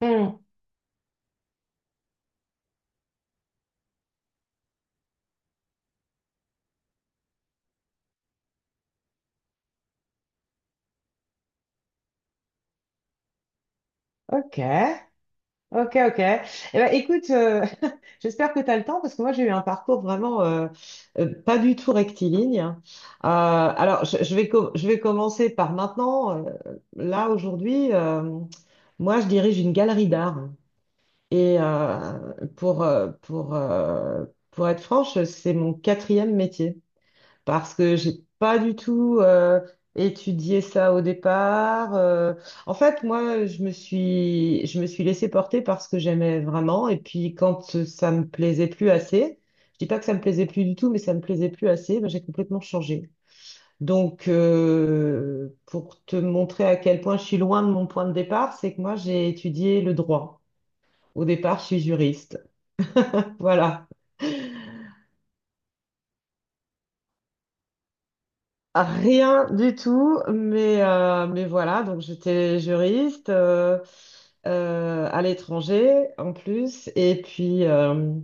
Hmm. Ok, ok, ok. Eh ben, écoute, j'espère que tu as le temps parce que moi j'ai eu un parcours vraiment pas du tout rectiligne, hein. Alors je vais je vais commencer par maintenant. Là aujourd'hui, moi je dirige une galerie d'art et pour euh, pour euh, pour être franche, c'est mon quatrième métier. Parce que j'ai pas du tout étudié ça au départ, En fait, moi, je me suis laissée porter parce que j'aimais vraiment. Et puis, quand ça me plaisait plus assez, je dis pas que ça me plaisait plus du tout, mais ça me plaisait plus assez, ben, j'ai complètement changé. Donc, pour te montrer à quel point je suis loin de mon point de départ, c'est que moi, j'ai étudié le droit. Au départ, je suis juriste. Voilà. Rien du tout, mais voilà, donc j'étais juriste à l'étranger en plus,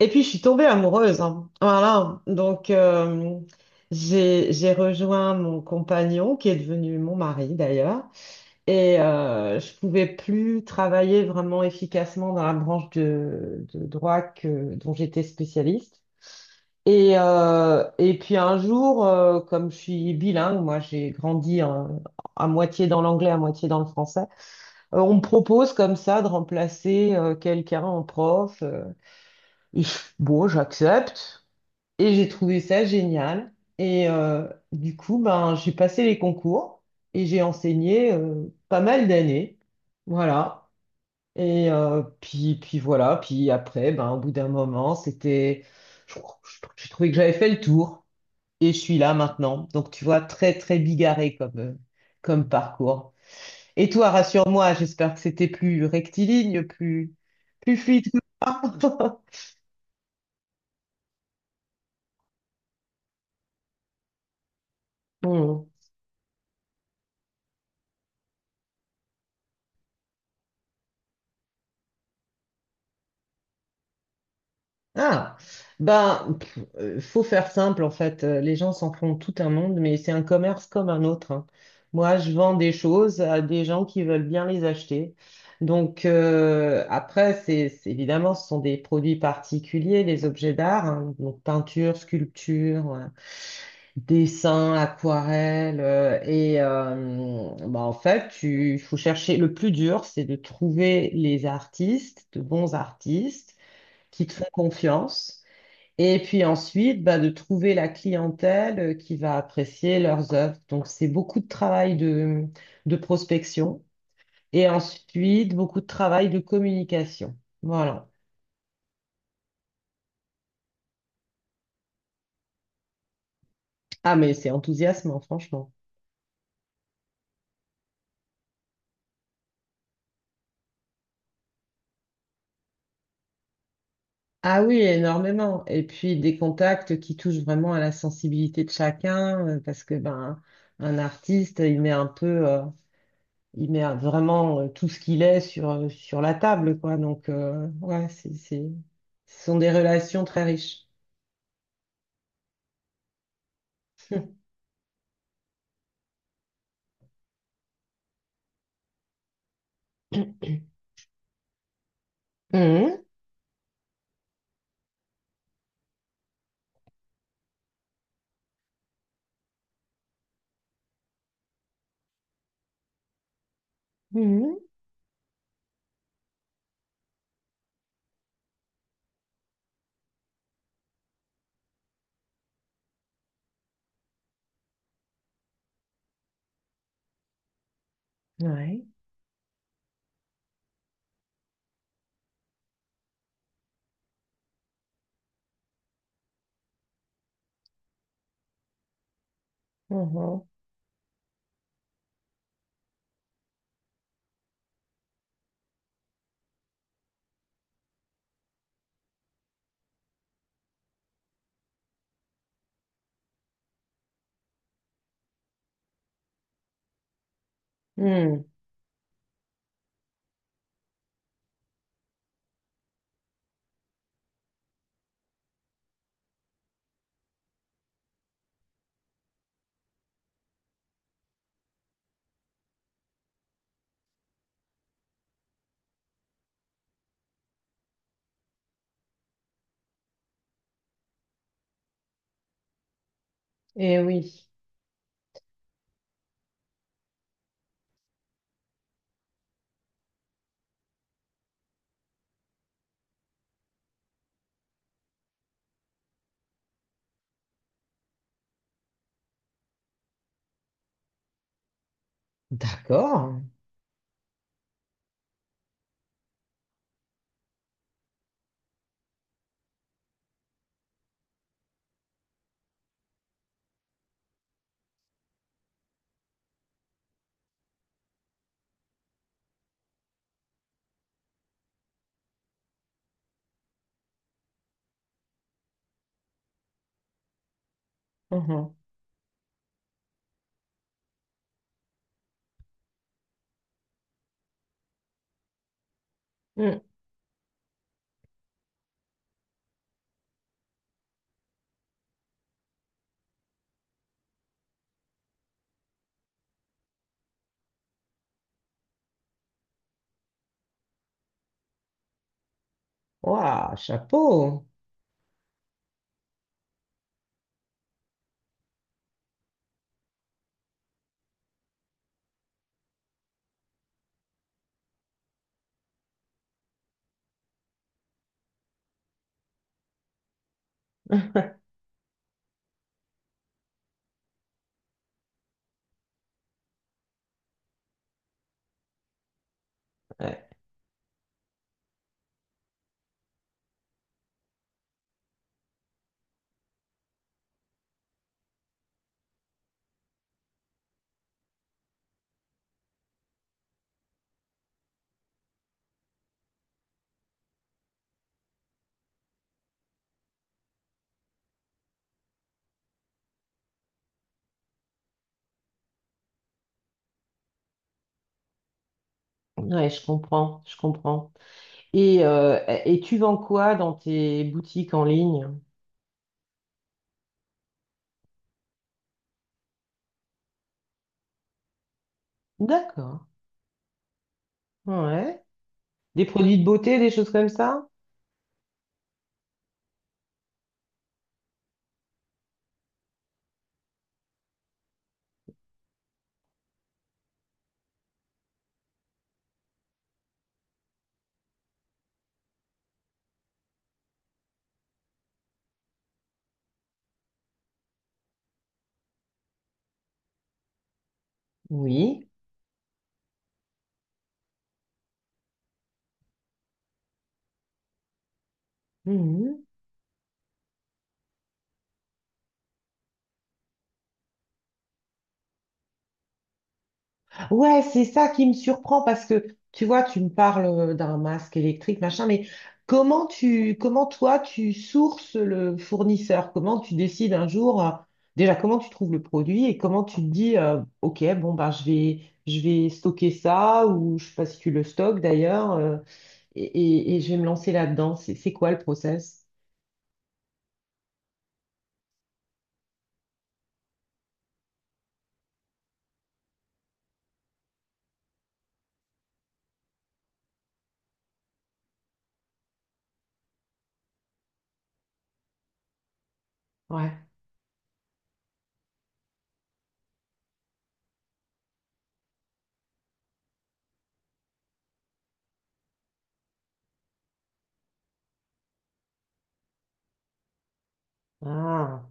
et puis je suis tombée amoureuse, hein. Voilà, donc j'ai rejoint mon compagnon qui est devenu mon mari d'ailleurs, et je pouvais plus travailler vraiment efficacement dans la branche de droit dont j'étais spécialiste. Et puis un jour, comme je suis bilingue, moi j'ai grandi à moitié dans l'anglais, à moitié dans le français, on me propose comme ça de remplacer quelqu'un en prof, et bon, j'accepte. Et j'ai trouvé ça génial. Et du coup, ben, j'ai passé les concours et j'ai enseigné pas mal d'années. Voilà. Et puis voilà. Puis après, ben, au bout d'un moment, c'était... J'ai trouvé que j'avais fait le tour. Et je suis là maintenant. Donc, tu vois, très, très bigarré comme, comme parcours. Et toi, rassure-moi, j'espère que c'était plus rectiligne, plus, plus fluide que moi. Hmm. Ah, ben, pff, faut faire simple en fait. Les gens s'en font tout un monde, mais c'est un commerce comme un autre, hein. Moi, je vends des choses à des gens qui veulent bien les acheter. Donc après, évidemment, ce sont des produits particuliers, les objets d'art, hein, donc peinture, sculpture, ouais, dessin, aquarelle. Et bah, en fait, il faut chercher. Le plus dur, c'est de trouver les artistes, de bons artistes qui te font confiance. Et puis ensuite, bah, de trouver la clientèle qui va apprécier leurs œuvres. Donc, c'est beaucoup de travail de prospection et ensuite beaucoup de travail de communication. Voilà. Ah, mais c'est enthousiasmant, franchement. Ah oui, énormément. Et puis des contacts qui touchent vraiment à la sensibilité de chacun, parce que ben un artiste, il met un peu, vraiment tout ce qu'il est sur sur la table, quoi. Donc ouais, c'est ce sont des relations très riches. Mhm, mhm, ouais. Mhm, mhm. Eh oui. D'accord. Mhm, mhm. Ouah, chapeau. Ouais, ouais, je comprends, je comprends. Et, euh, et tu vends quoi dans tes boutiques en ligne? D'accord. Ouais. Des produits de beauté, des choses comme ça? Oui. Mhm. Ouais, c'est ça qui me surprend parce que tu vois, tu me parles d'un masque électrique, machin, mais comment comment toi, tu sources le fournisseur? Comment tu décides un jour, déjà, comment tu trouves le produit et comment tu te dis, OK, bon, ben, je vais stocker ça ou je sais pas si tu le stockes d'ailleurs. Et je vais me lancer là-dedans. C'est quoi le process? Ouais. Ah.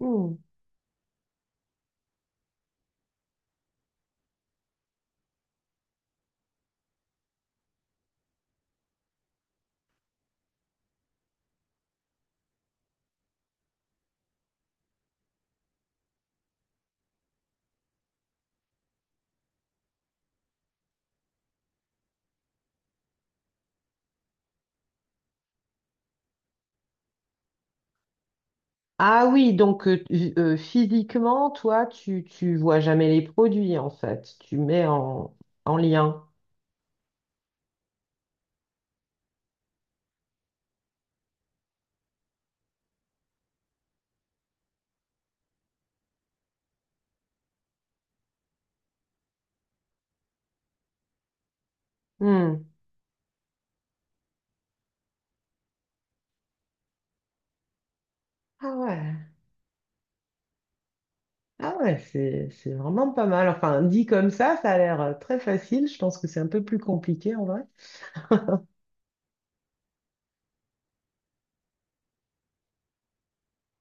Hmm. Ah oui, donc physiquement, toi, tu vois jamais les produits en fait. Tu mets en, en lien. Hmm. Ah ouais. Ah ouais, c'est vraiment pas mal. Enfin, dit comme ça a l'air très facile. Je pense que c'est un peu plus compliqué en vrai.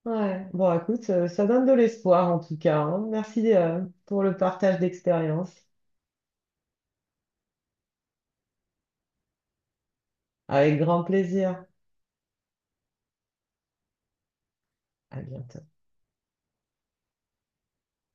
Ouais. Bon, écoute, ça donne de l'espoir en tout cas, hein. Merci pour le partage d'expérience. Avec grand plaisir. À bientôt.